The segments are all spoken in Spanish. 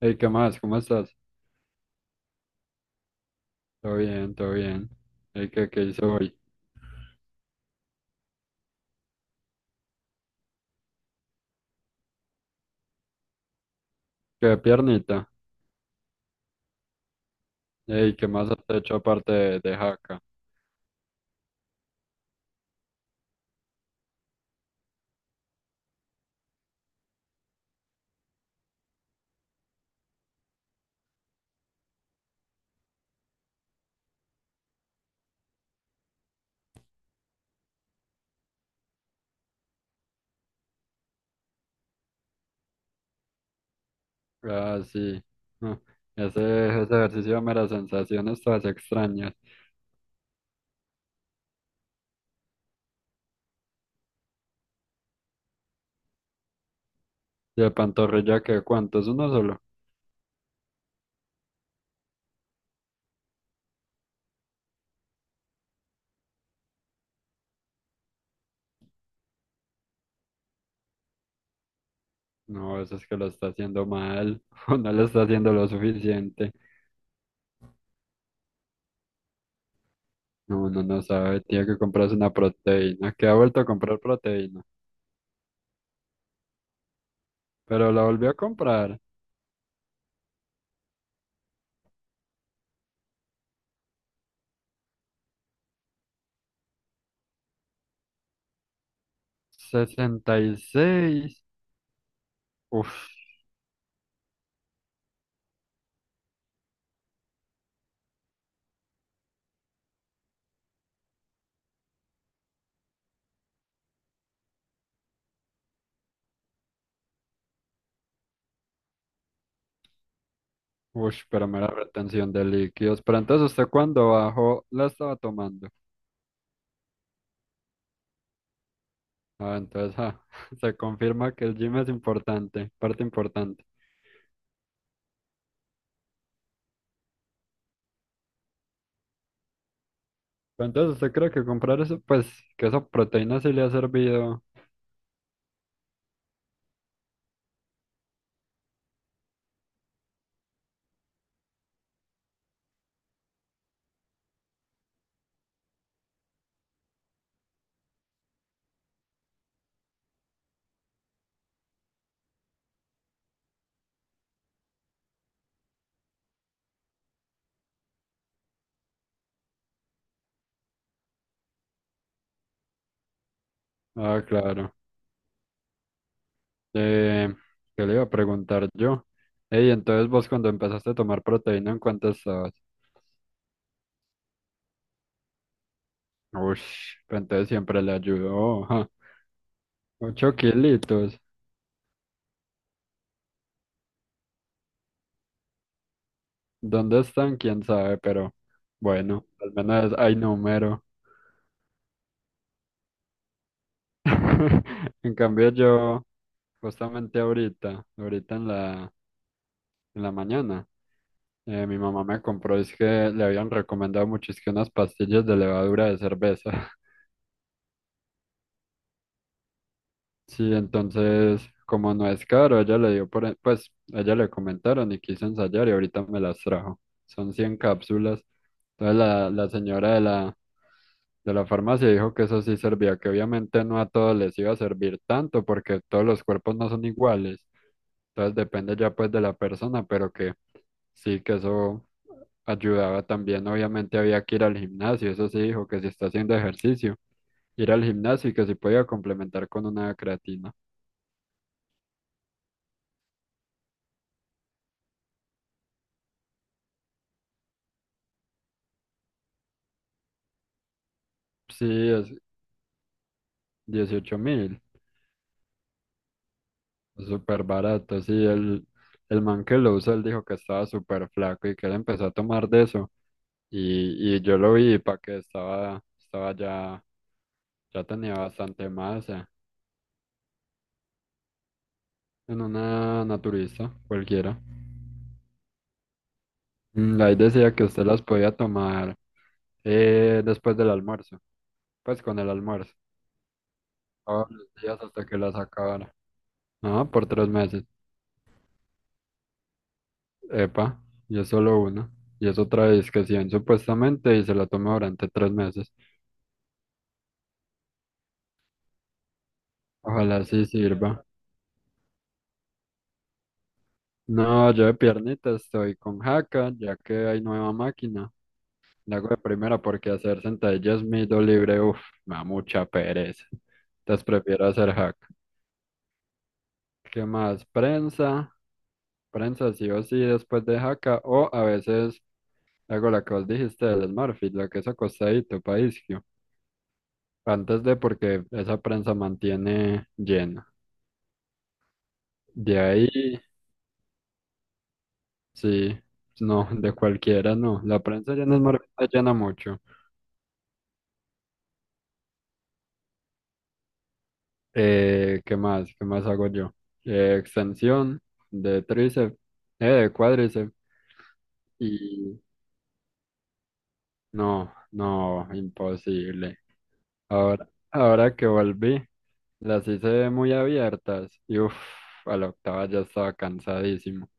Hey, ¿qué más? ¿Cómo estás? Todo bien, todo bien. Hey, ¿qué hice hoy? ¿Qué piernita? Hey, ¿qué más has hecho aparte de jaca? Ah, sí. Ah, ese ejercicio me da sensaciones todas extrañas. ¿Y de pantorrilla qué? ¿Cuánto? ¿Es uno solo? No, eso es que lo está haciendo mal. O no lo está haciendo lo suficiente. No, no, no sabe. Tiene que comprarse una proteína. ¿Qué ha vuelto a comprar proteína? Pero la volvió a comprar. 66. Uf. Uy, pero mera retención de líquidos. Pero entonces usted cuando bajó la estaba tomando. Ah, entonces se confirma que el gym es importante, parte importante. Pero entonces usted cree que comprar eso, pues que esa proteína sí le ha servido. Ah, claro. Eh, ¿Qué le iba a preguntar yo? Ey, entonces vos cuando empezaste a tomar proteína, ¿en cuánto estabas? Uy, pero entonces siempre le ayudó. Ja. 8 kilitos. ¿Dónde están? Quién sabe, pero bueno, al menos hay número. En cambio yo, justamente ahorita, ahorita en la mañana, mi mamá me compró, es que le habían recomendado mucho, es que unas pastillas de levadura de cerveza. Sí, entonces, como no es caro, ella le dio por, pues, a ella le comentaron y quiso ensayar y ahorita me las trajo. Son 100 cápsulas. Entonces la señora de la farmacia dijo que eso sí servía, que obviamente no a todos les iba a servir tanto porque todos los cuerpos no son iguales. Entonces depende ya pues de la persona, pero que sí que eso ayudaba también. Obviamente había que ir al gimnasio, eso sí dijo que si está haciendo ejercicio, ir al gimnasio y que si podía complementar con una creatina. Sí, es 18.000, súper barato. Sí, el man que lo usa, él dijo que estaba súper flaco y que él empezó a tomar de eso. Y yo lo vi para que estaba ya, ya tenía bastante masa en una naturista cualquiera. Ahí decía que usted las podía tomar. Después del almuerzo, pues con el almuerzo, todos los días hasta que las acabara. No, por 3 meses. Epa, y es solo una. Y es otra disquisición supuestamente y se la toma durante 3 meses. Ojalá sí sirva. No, yo de piernita estoy con jaca, ya que hay nueva máquina. La hago de primera porque hacer sentadillas mido libre, uff, me da mucha pereza. Entonces prefiero hacer jaca. ¿Qué más? Prensa. Prensa sí o sí después de jaca o a veces. Hago la que vos dijiste del Smurfit, la que es acostadito, paisio. Antes de porque esa prensa mantiene llena. De ahí, sí, no, de cualquiera no. La prensa llena es Smurfit la llena mucho. ¿Qué más? ¿Qué más hago yo? Extensión de tríceps, de cuádriceps. Y no, no, imposible. Ahora, ahora que volví, las hice muy abiertas. Y uff, a la octava ya estaba cansadísimo.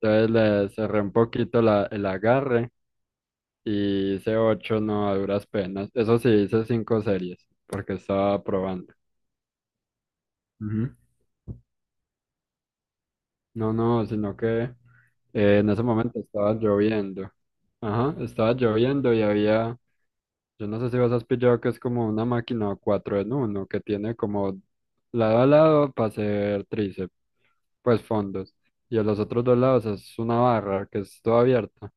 Entonces le cerré un poquito el agarre y hice ocho no a duras penas. Eso sí, hice 5 series porque estaba probando. Ujú. No, no, sino que en ese momento estaba lloviendo. Ajá, estaba lloviendo y había, yo no sé si vos has pillado que es como una máquina 4 en 1 que tiene como lado a lado para hacer tríceps, pues fondos. Y a los otros dos lados es una barra que es todo abierta.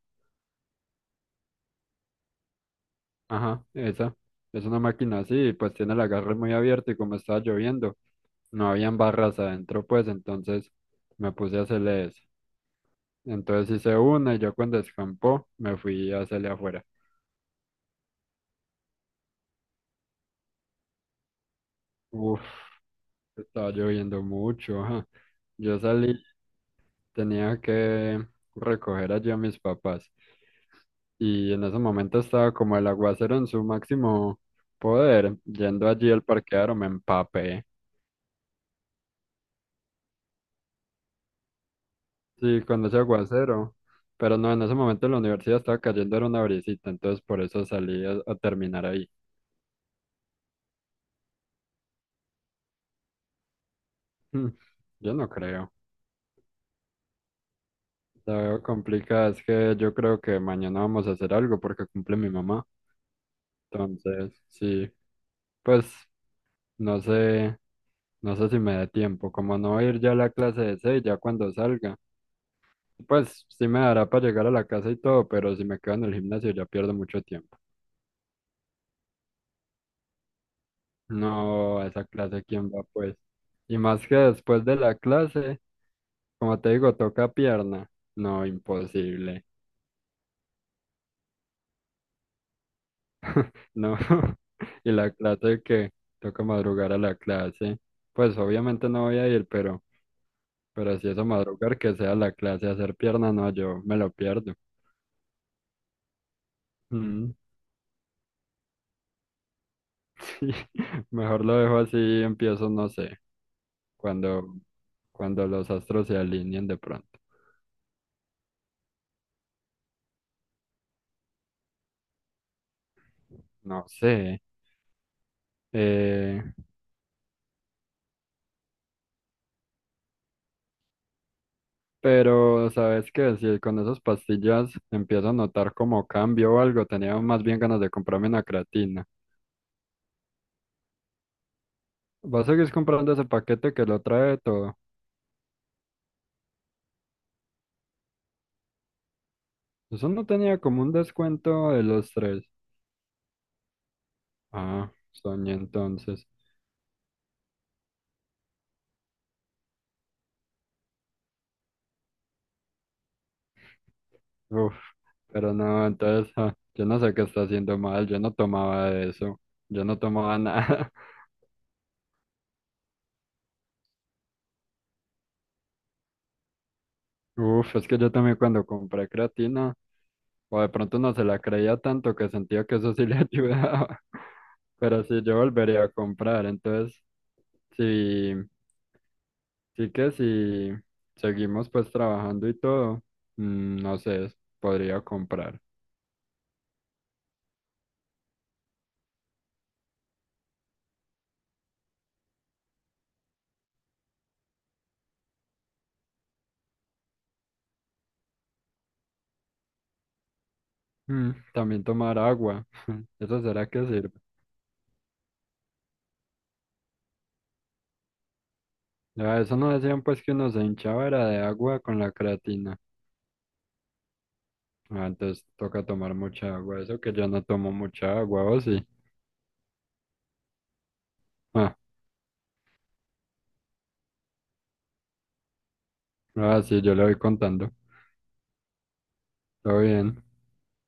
Ajá, esa. Es una máquina así, pues tiene el agarre muy abierto y como estaba lloviendo, no habían barras adentro, pues entonces me puse a hacerle eso. Entonces hice una y yo cuando escampó me fui a hacerle afuera. Uf, estaba lloviendo mucho, ajá. Yo salí, tenía que recoger allí a mis papás y en ese momento estaba como el aguacero en su máximo poder. Yendo allí al parqueadero me empapé. Sí, cuando ese aguacero. Pero no, en ese momento en la universidad estaba cayendo era una brisita, entonces por eso salí a terminar ahí. Mm, Yo no creo. La veo complicada, es que yo creo que mañana vamos a hacer algo porque cumple mi mamá. Entonces, sí, pues no sé, no sé si me da tiempo. Como no voy a ir ya a la clase de 6, ya cuando salga, pues sí me dará para llegar a la casa y todo, pero si me quedo en el gimnasio ya pierdo mucho tiempo. No, a esa clase, ¿quién va pues? Y más que después de la clase. Como te digo, toca pierna. No, imposible. No. Y la clase que toca madrugar a la clase. Pues obviamente no voy a ir, pero si eso madrugar que sea la clase, hacer pierna, no, yo me lo pierdo. Mm, sí. Mejor lo dejo así y empiezo, no sé, cuando, cuando los astros se alineen de pronto. No sé. Eh, Pero, ¿sabes qué? Si con esas pastillas empiezo a notar como cambio o algo, tenía más bien ganas de comprarme una creatina. ¿Vas a seguir comprando ese paquete que lo trae todo? Eso no tenía como un descuento de los tres. Ah, soñé entonces. Uf, pero no, entonces, yo no sé qué está haciendo mal, yo no tomaba eso, yo no tomaba nada. Uf, es que yo también cuando compré creatina, o de pronto no se la creía tanto que sentía que eso sí le ayudaba. Pero sí, yo volvería a comprar, entonces, sí, sí que si seguimos pues trabajando y todo, no sé, podría comprar. También tomar agua, ¿eso será que sirve? Ya, eso no decían pues que uno se hinchaba era de agua con la creatina. Ah, entonces toca tomar mucha agua, eso que yo no tomo mucha agua, ¿o sí? Ah, ah, sí, yo le voy contando, todo bien.